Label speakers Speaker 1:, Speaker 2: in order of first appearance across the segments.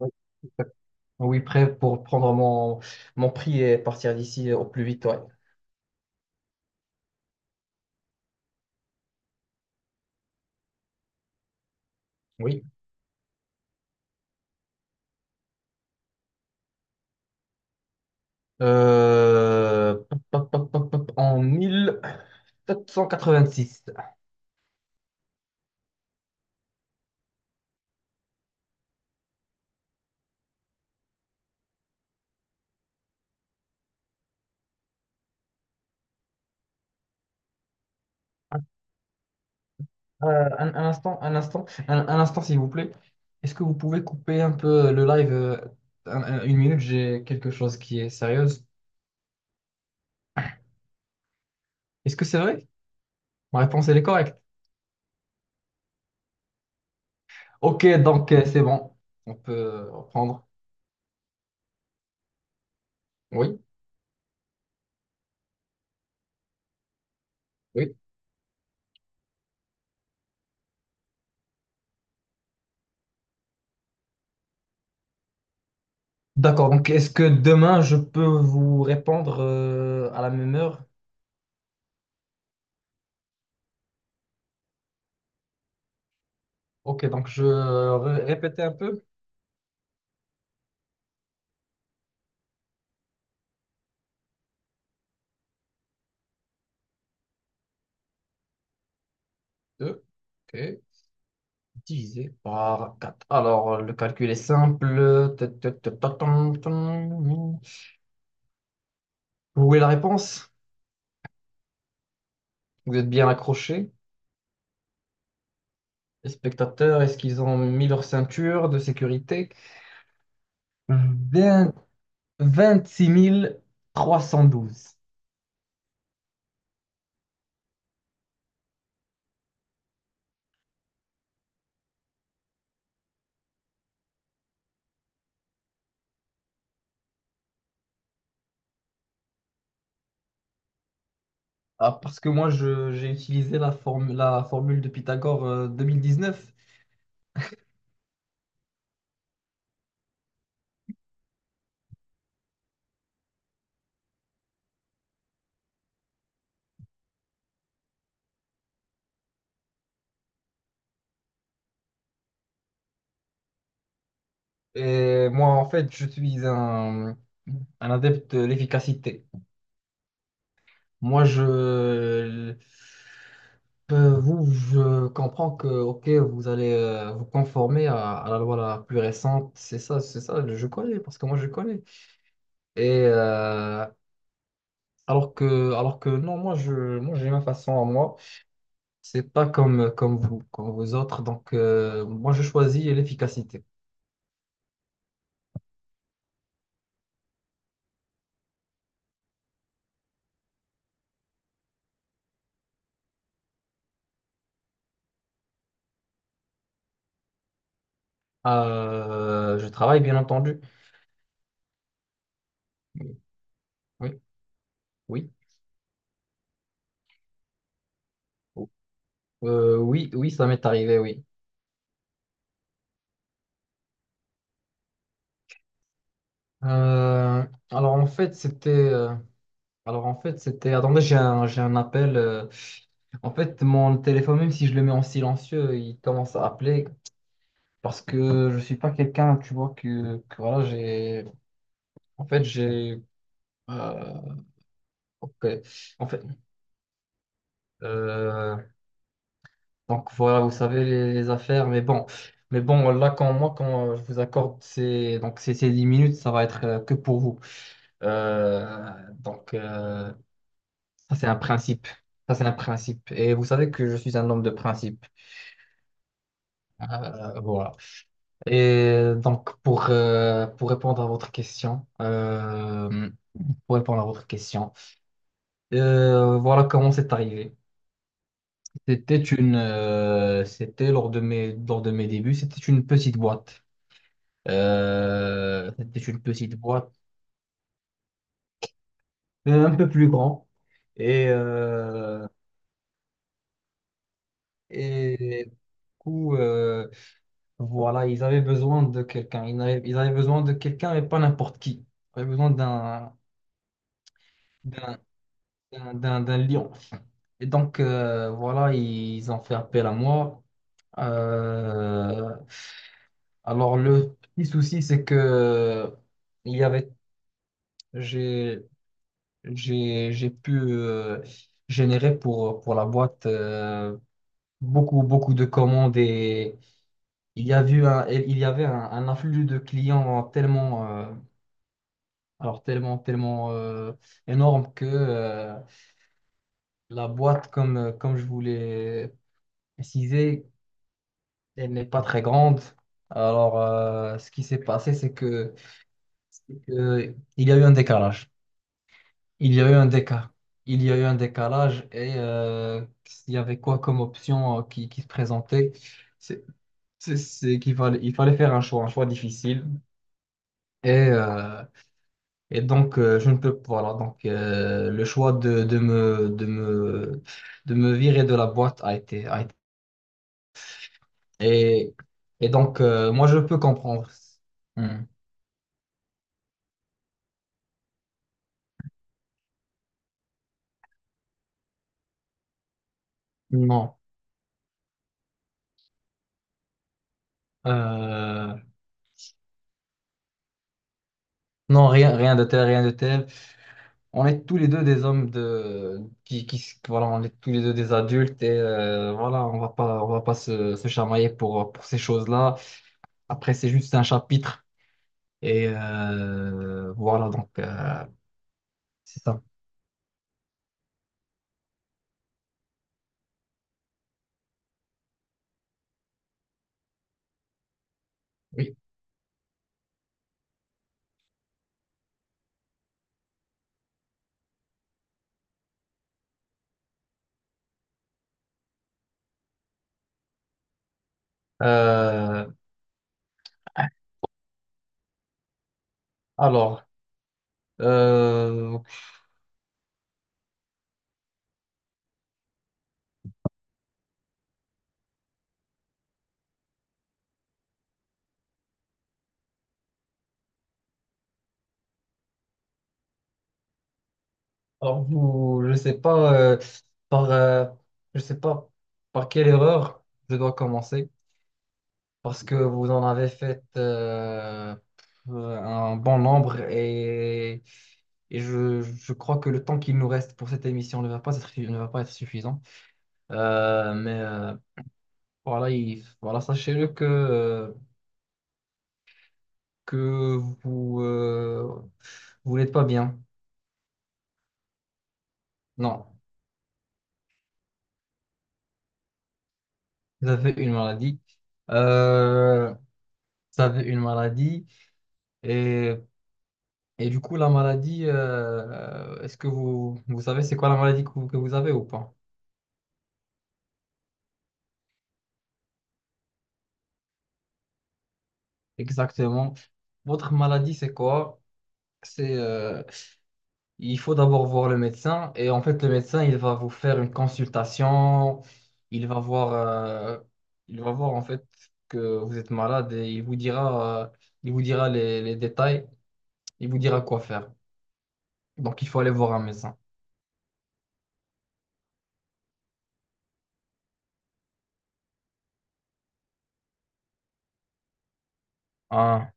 Speaker 1: Oui. Oui, prêt pour prendre mon prix et partir d'ici au plus vite, ouais. Oui. Pop, pop, pop, pop, pop, en 1786. Un instant, un instant, un instant, s'il vous plaît. Est-ce que vous pouvez couper un peu le live une minute? J'ai quelque chose qui est sérieuse. Est-ce que c'est vrai? Ma réponse, elle est correcte. Ok, donc c'est bon. On peut reprendre. Oui. Oui. D'accord, donc est-ce que demain je peux vous répondre à la même heure? Ok, donc je répétais répéter un peu. 2. Ok, divisé par 4. Alors, le calcul est simple. Tan, tan. Vous voulez la réponse? Vous êtes bien accrochés. Les spectateurs, est-ce qu'ils ont mis leur ceinture de sécurité? vingt Vingt-six mille trois cent douze. Ah, parce que j'ai utilisé la formule de Pythagore neuf. Et moi, en fait, je suis un adepte de l'efficacité. Moi, je, vous, je comprends que, ok, vous allez vous conformer à la loi la plus récente. C'est ça, je connais, parce que moi, je connais. Et alors que non, moi, j'ai ma façon à moi. C'est pas comme vous, comme vous autres. Donc, moi, je choisis l'efficacité. Je travaille, bien entendu. Oui, oui. Oui. Oui, oui, ça m'est arrivé, oui. Euh, alors en fait, alors en fait, c'était. Attendez, j'ai un appel. En fait, mon téléphone, même si je le mets en silencieux, il commence à appeler parce que je suis pas quelqu'un, tu vois, que voilà, j'ai. En fait, j'ai. euh, ok. En fait, euh, donc voilà, vous savez les affaires, mais bon, là, quand je vous accorde ces 10 minutes, ça va être que pour vous. Euh, donc, euh, Ça, c'est un principe. Ça, c'est un principe. Et vous savez que je suis un homme de principe. Voilà. Et donc, pour répondre à votre pour répondre à votre question, voilà comment c'est arrivé. C'était lors de mes débuts, c'était une petite boîte. C'était une petite boîte, un peu plus grand. Et, euh, et du coup, voilà, ils avaient besoin de quelqu'un. Ils avaient besoin de quelqu'un, mais pas n'importe qui. Ils avaient besoin d'un d'un lion. Et donc, voilà, ils ont fait appel à moi. Euh, alors, le petit souci, c'est que il y avait, j'ai, j'ai pu générer pour la boîte beaucoup, beaucoup de commandes et il y avait un afflux de clients tellement, tellement, tellement énorme que la boîte, comme je voulais préciser, elle n'est pas très grande. Alors ce qui s'est passé, c'est que il y a eu un décalage. Il y a eu un décalage. Il y a eu un décalage et il y avait quoi comme option qui se présentait? C'est c'est qu'il fallait, il fallait faire un choix difficile. Et euh, donc, je ne peux, voilà, donc, le choix de me virer de la boîte a été- et, et donc, moi, je peux comprendre. Hmm. Non, Euh, non, rien, rien de tel, rien de tel. On est tous les deux des hommes voilà, on est tous les deux des adultes et voilà, on va pas se chamailler pour ces choses-là. Après, c'est juste un chapitre et voilà, donc, c'est ça. Oui. Euh, Alors, euh, alors vous, je sais pas par, euh, je sais pas par quelle erreur je dois commencer parce que vous en avez fait un bon nombre et je crois que le temps qu'il nous reste pour cette émission ne va pas être suffisant. Euh, mais euh, voilà, voilà, sachez-le que que vous vous n'êtes pas bien. Non. Vous avez une maladie. Euh, Vous avez une maladie. Et, et du coup, la maladie, est-ce que vous savez c'est quoi la maladie que que vous avez ou pas? Exactement. Votre maladie, c'est quoi? C'est, euh, il faut d'abord voir le médecin. Et en fait, le médecin, il va vous faire une consultation. Il va voir, euh, il va voir en fait que vous êtes malade et il vous dira les détails. Il vous dira quoi faire. Donc, il faut aller voir un médecin. Ah.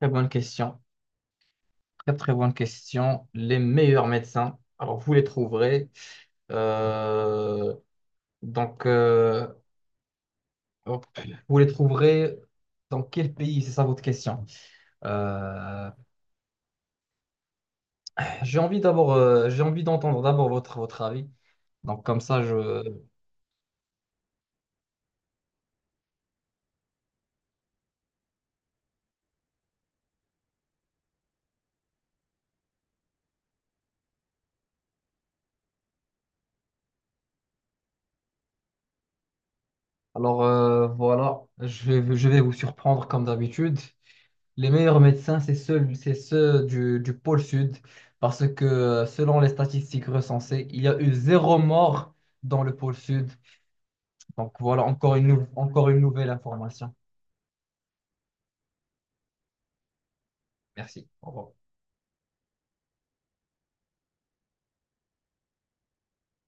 Speaker 1: Très bonne question. Très, très bonne question. Les meilleurs médecins, alors vous les trouverez. euh, donc, euh, hop, vous les trouverez dans quel pays? C'est ça votre question. Euh, j'ai envie d'abord, j'ai envie d'entendre d'abord votre avis. Donc, comme ça, je. Alors, voilà, je vais vous surprendre comme d'habitude. Les meilleurs médecins, c'est ceux du pôle sud, parce que selon les statistiques recensées, il y a eu zéro mort dans le pôle sud. Donc voilà, encore une nouvelle information. Merci. Au revoir.